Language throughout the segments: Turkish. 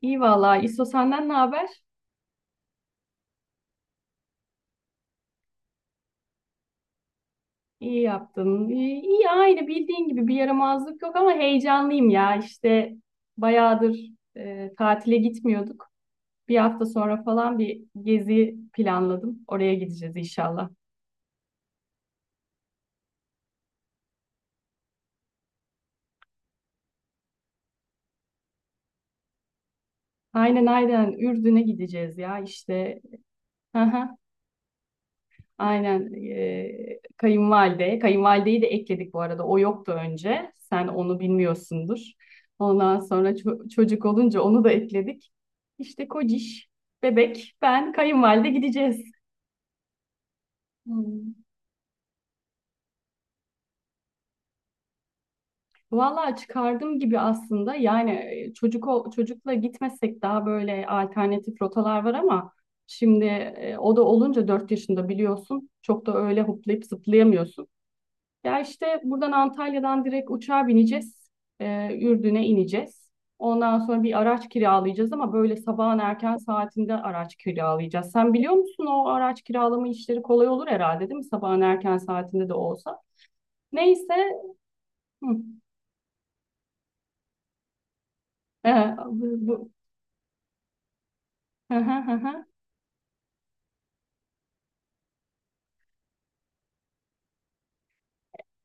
İyi vallahi İso senden ne haber? İyi yaptın. İyi, iyi aynı bildiğin gibi bir yaramazlık yok ama heyecanlıyım ya. İşte bayağıdır tatile gitmiyorduk. Bir hafta sonra falan bir gezi planladım. Oraya gideceğiz inşallah. Aynen aynen Ürdün'e gideceğiz ya işte. Aynen kayınvalide. Kayınvalideyi de ekledik bu arada. O yoktu önce. Sen onu bilmiyorsundur. Ondan sonra çocuk olunca onu da ekledik. İşte kociş, bebek, ben, kayınvalide gideceğiz. Hmm. Vallahi çıkardım gibi aslında. Yani çocukla gitmesek daha böyle alternatif rotalar var ama şimdi o da olunca 4 yaşında biliyorsun. Çok da öyle hoplayıp zıplayamıyorsun. Ya işte buradan Antalya'dan direkt uçağa bineceğiz. Ürdün'e ineceğiz. Ondan sonra bir araç kiralayacağız ama böyle sabahın erken saatinde araç kiralayacağız. Sen biliyor musun o araç kiralama işleri kolay olur herhalde değil mi? Sabahın erken saatinde de olsa. Neyse. Hı. Bu, bu.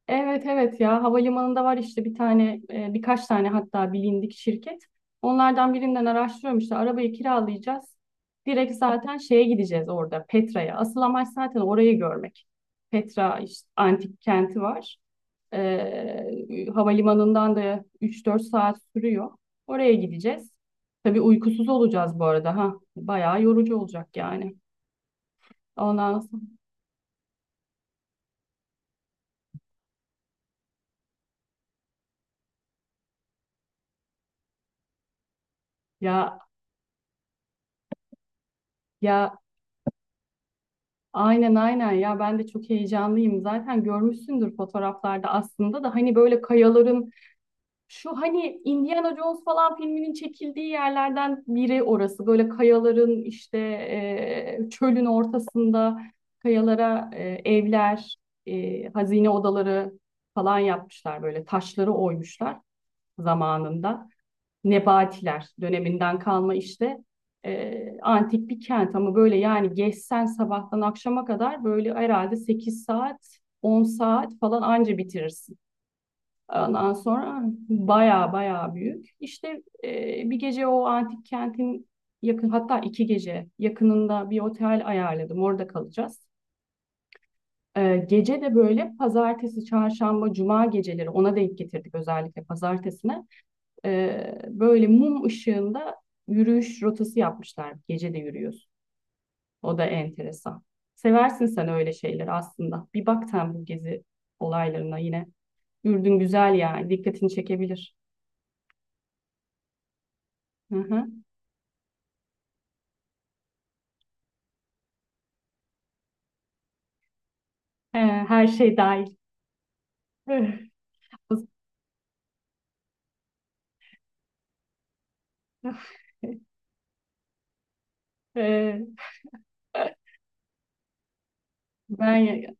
Evet evet ya havalimanında var işte bir tane birkaç tane hatta bilindik şirket. Onlardan birinden araştırıyorum işte arabayı kiralayacağız. Direkt zaten şeye gideceğiz orada Petra'ya. Asıl amaç zaten orayı görmek. Petra işte antik kenti var. Havalimanından da üç dört saat sürüyor. Oraya gideceğiz. Tabii uykusuz olacağız bu arada ha. Bayağı yorucu olacak yani. Ondan sonra ya ya aynen aynen ya ben de çok heyecanlıyım. Zaten görmüşsündür fotoğraflarda aslında da hani böyle şu hani Indiana Jones falan filminin çekildiği yerlerden biri orası. Böyle kayaların işte çölün ortasında kayalara evler, hazine odaları falan yapmışlar böyle taşları oymuşlar zamanında. Nebatiler döneminden kalma işte antik bir kent ama böyle yani geçsen sabahtan akşama kadar böyle herhalde 8 saat 10 saat falan anca bitirirsin. Ondan sonra baya baya büyük. İşte bir gece o antik kentin yakın hatta iki gece yakınında bir otel ayarladım orada kalacağız. E, gece de böyle pazartesi, çarşamba, cuma geceleri ona denk getirdik özellikle pazartesine. Böyle mum ışığında yürüyüş rotası yapmışlar. Gece de yürüyorsun. O da enteresan. Seversin sen öyle şeyler aslında. Bir bak sen bu gezi olaylarına yine. Ürdün güzel yani. Dikkatini çekebilir. Hı hı. Ee, her şey dahil. Ee, ben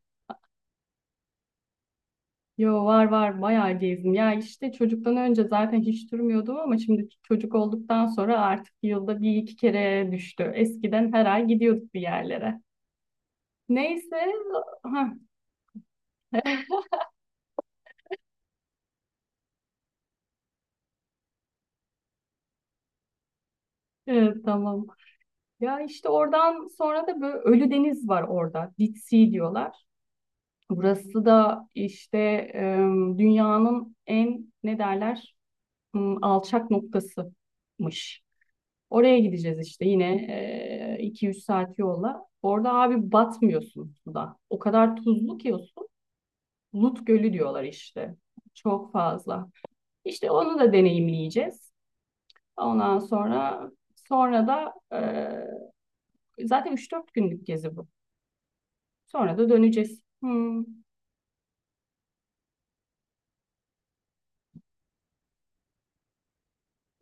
yo var var bayağı gezdim. Ya işte çocuktan önce zaten hiç durmuyordum ama şimdi çocuk olduktan sonra artık yılda bir iki kere düştü. Eskiden her ay gidiyorduk bir yerlere. Neyse, ha, evet tamam. Ya işte oradan sonra da böyle Ölü Deniz var orada. Dead Sea diyorlar. Burası da işte dünyanın en ne derler alçak noktasıymış. Oraya gideceğiz işte yine 2-3 saat yolla. Orada abi batmıyorsun suda. O kadar tuzlu ki o su. Lut Gölü diyorlar işte. Çok fazla. İşte onu da deneyimleyeceğiz. Ondan sonra Sonra da Zaten üç dört günlük gezi bu. Sonra da döneceğiz. Hmm,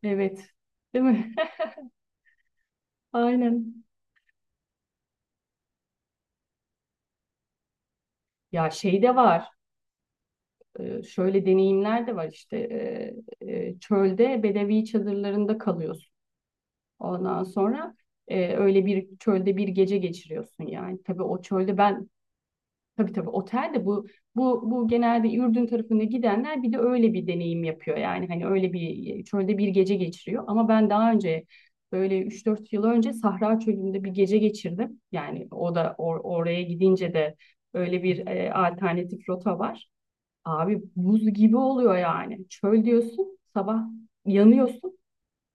evet. Değil mi? Aynen. Ya şey de var. Şöyle deneyimler de var işte. Çölde bedevi çadırlarında kalıyorsun. Ondan sonra öyle bir çölde bir gece geçiriyorsun yani. Tabii o çölde ben tabii tabii otel de bu genelde Ürdün tarafına gidenler bir de öyle bir deneyim yapıyor. Yani hani öyle bir çölde bir gece geçiriyor. Ama ben daha önce böyle üç dört yıl önce Sahra Çölü'nde bir gece geçirdim. Yani o da oraya gidince de öyle bir alternatif rota var. Abi buz gibi oluyor yani. Çöl diyorsun, sabah yanıyorsun.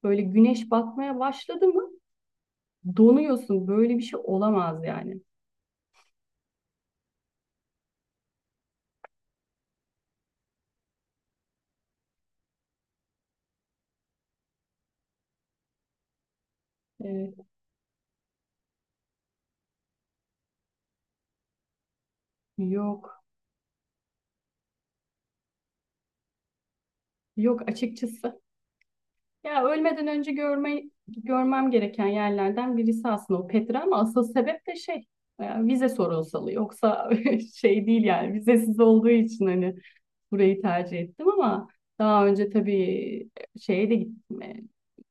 Böyle güneş batmaya başladı mı donuyorsun. Böyle bir şey olamaz yani. Evet, yok. Yok açıkçası. Ya ölmeden önce görme, görmem gereken yerlerden birisi aslında o Petra ama asıl sebep de şey vize sorunsalı. Yoksa şey değil yani vizesiz olduğu için hani burayı tercih ettim ama daha önce tabii şeye de gittim.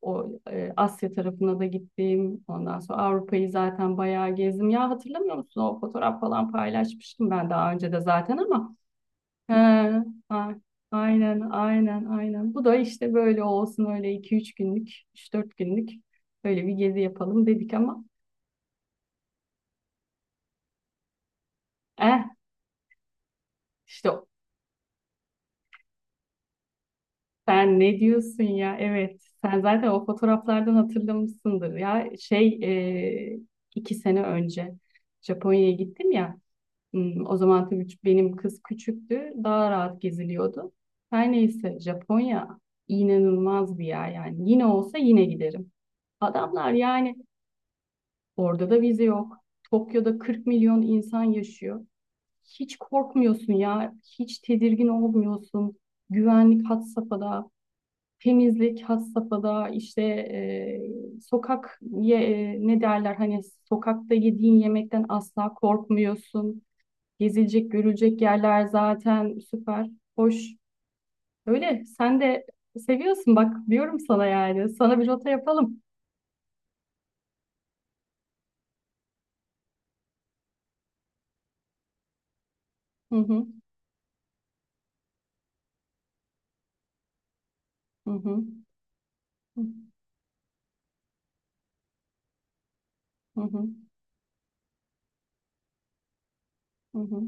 O Asya tarafına da gittim. Ondan sonra Avrupa'yı zaten bayağı gezdim. Ya hatırlamıyor musun? O fotoğraf falan paylaşmıştım ben daha önce de zaten ama he, a- aynen aynen aynen. Bu da işte böyle olsun öyle iki üç günlük, üç dört günlük böyle bir gezi yapalım dedik ama eh işte sen ne diyorsun ya? Evet. Sen zaten o fotoğraflardan hatırlamışsındır. Ya şey e, iki sene önce Japonya'ya gittim ya. Hmm, o zaman tabii benim kız küçüktü. Daha rahat geziliyordu. Her neyse Japonya inanılmaz bir yer yani. Yine olsa yine giderim. Adamlar yani orada da vize yok. Tokyo'da 40 milyon insan yaşıyor. Hiç korkmuyorsun ya, hiç tedirgin olmuyorsun. Güvenlik had safhada, temizlik had safhada, işte ne derler hani sokakta yediğin yemekten asla korkmuyorsun. Gezilecek, görülecek yerler zaten süper, hoş. Öyle, sen de seviyorsun bak diyorum sana yani. Sana bir rota yapalım. Hı hı, hı hı, hı hı, hı hı.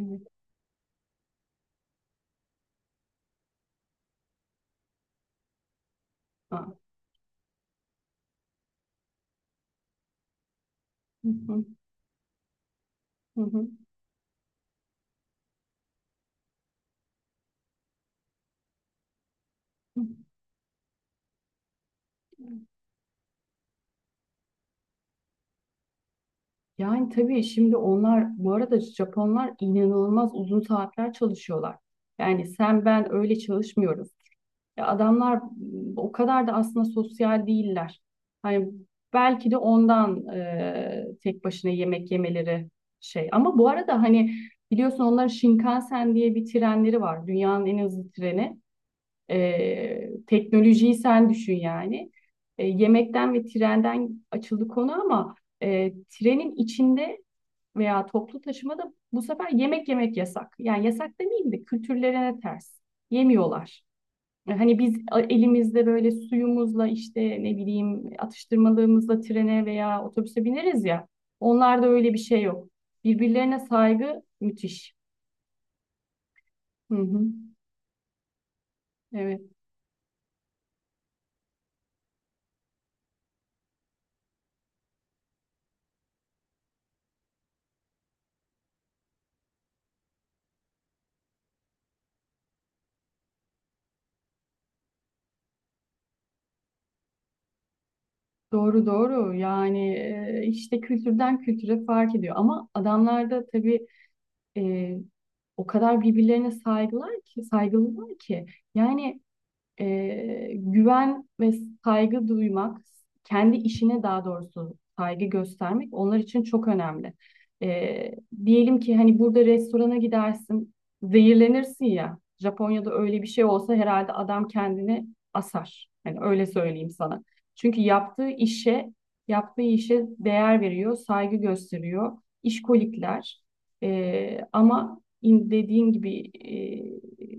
Evet. Ha, hı hı, hı hı, hı. Yani tabii şimdi onlar bu arada Japonlar inanılmaz uzun saatler çalışıyorlar. Yani sen ben öyle çalışmıyoruz. Ya adamlar o kadar da aslında sosyal değiller. Hani belki de ondan tek başına yemek yemeleri şey. Ama bu arada hani biliyorsun onların Shinkansen diye bir trenleri var. Dünyanın en hızlı treni. Teknolojiyi sen düşün yani. Yemekten ve trenden açıldı konu ama trenin içinde veya toplu taşımada bu sefer yemek yemek yasak. Yani yasak demeyeyim de kültürlerine ters. Yemiyorlar. Hani biz elimizde böyle suyumuzla işte ne bileyim atıştırmalığımızla trene veya otobüse bineriz ya. Onlarda öyle bir şey yok. Birbirlerine saygı müthiş. Hı hı. Evet. Doğru doğru yani işte kültürden kültüre fark ediyor ama adamlar da tabii e, o kadar birbirlerine saygılar ki saygılılar ki yani güven ve saygı duymak, kendi işine daha doğrusu saygı göstermek onlar için çok önemli. E, diyelim ki hani burada restorana gidersin, zehirlenirsin ya. Japonya'da öyle bir şey olsa herhalde adam kendini asar. Hani öyle söyleyeyim sana. Çünkü yaptığı işe değer veriyor, saygı gösteriyor. İşkolikler. Ama dediğin gibi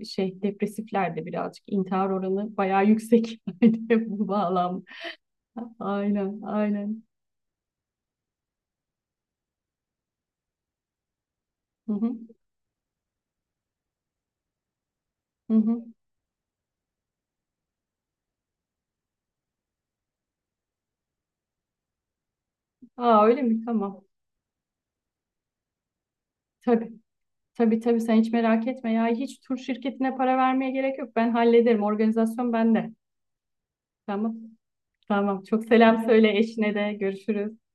şey depresiflerde birazcık intihar oranı bayağı yüksek. bu bağlam. Aynen, aynen. Hı hı, hı hı. Aa öyle mi? Tamam. Tabii. Tabii tabii sen hiç merak etme ya. Hiç tur şirketine para vermeye gerek yok. Ben hallederim. Organizasyon bende. Tamam. Tamam. Çok selam söyle eşine de. Görüşürüz.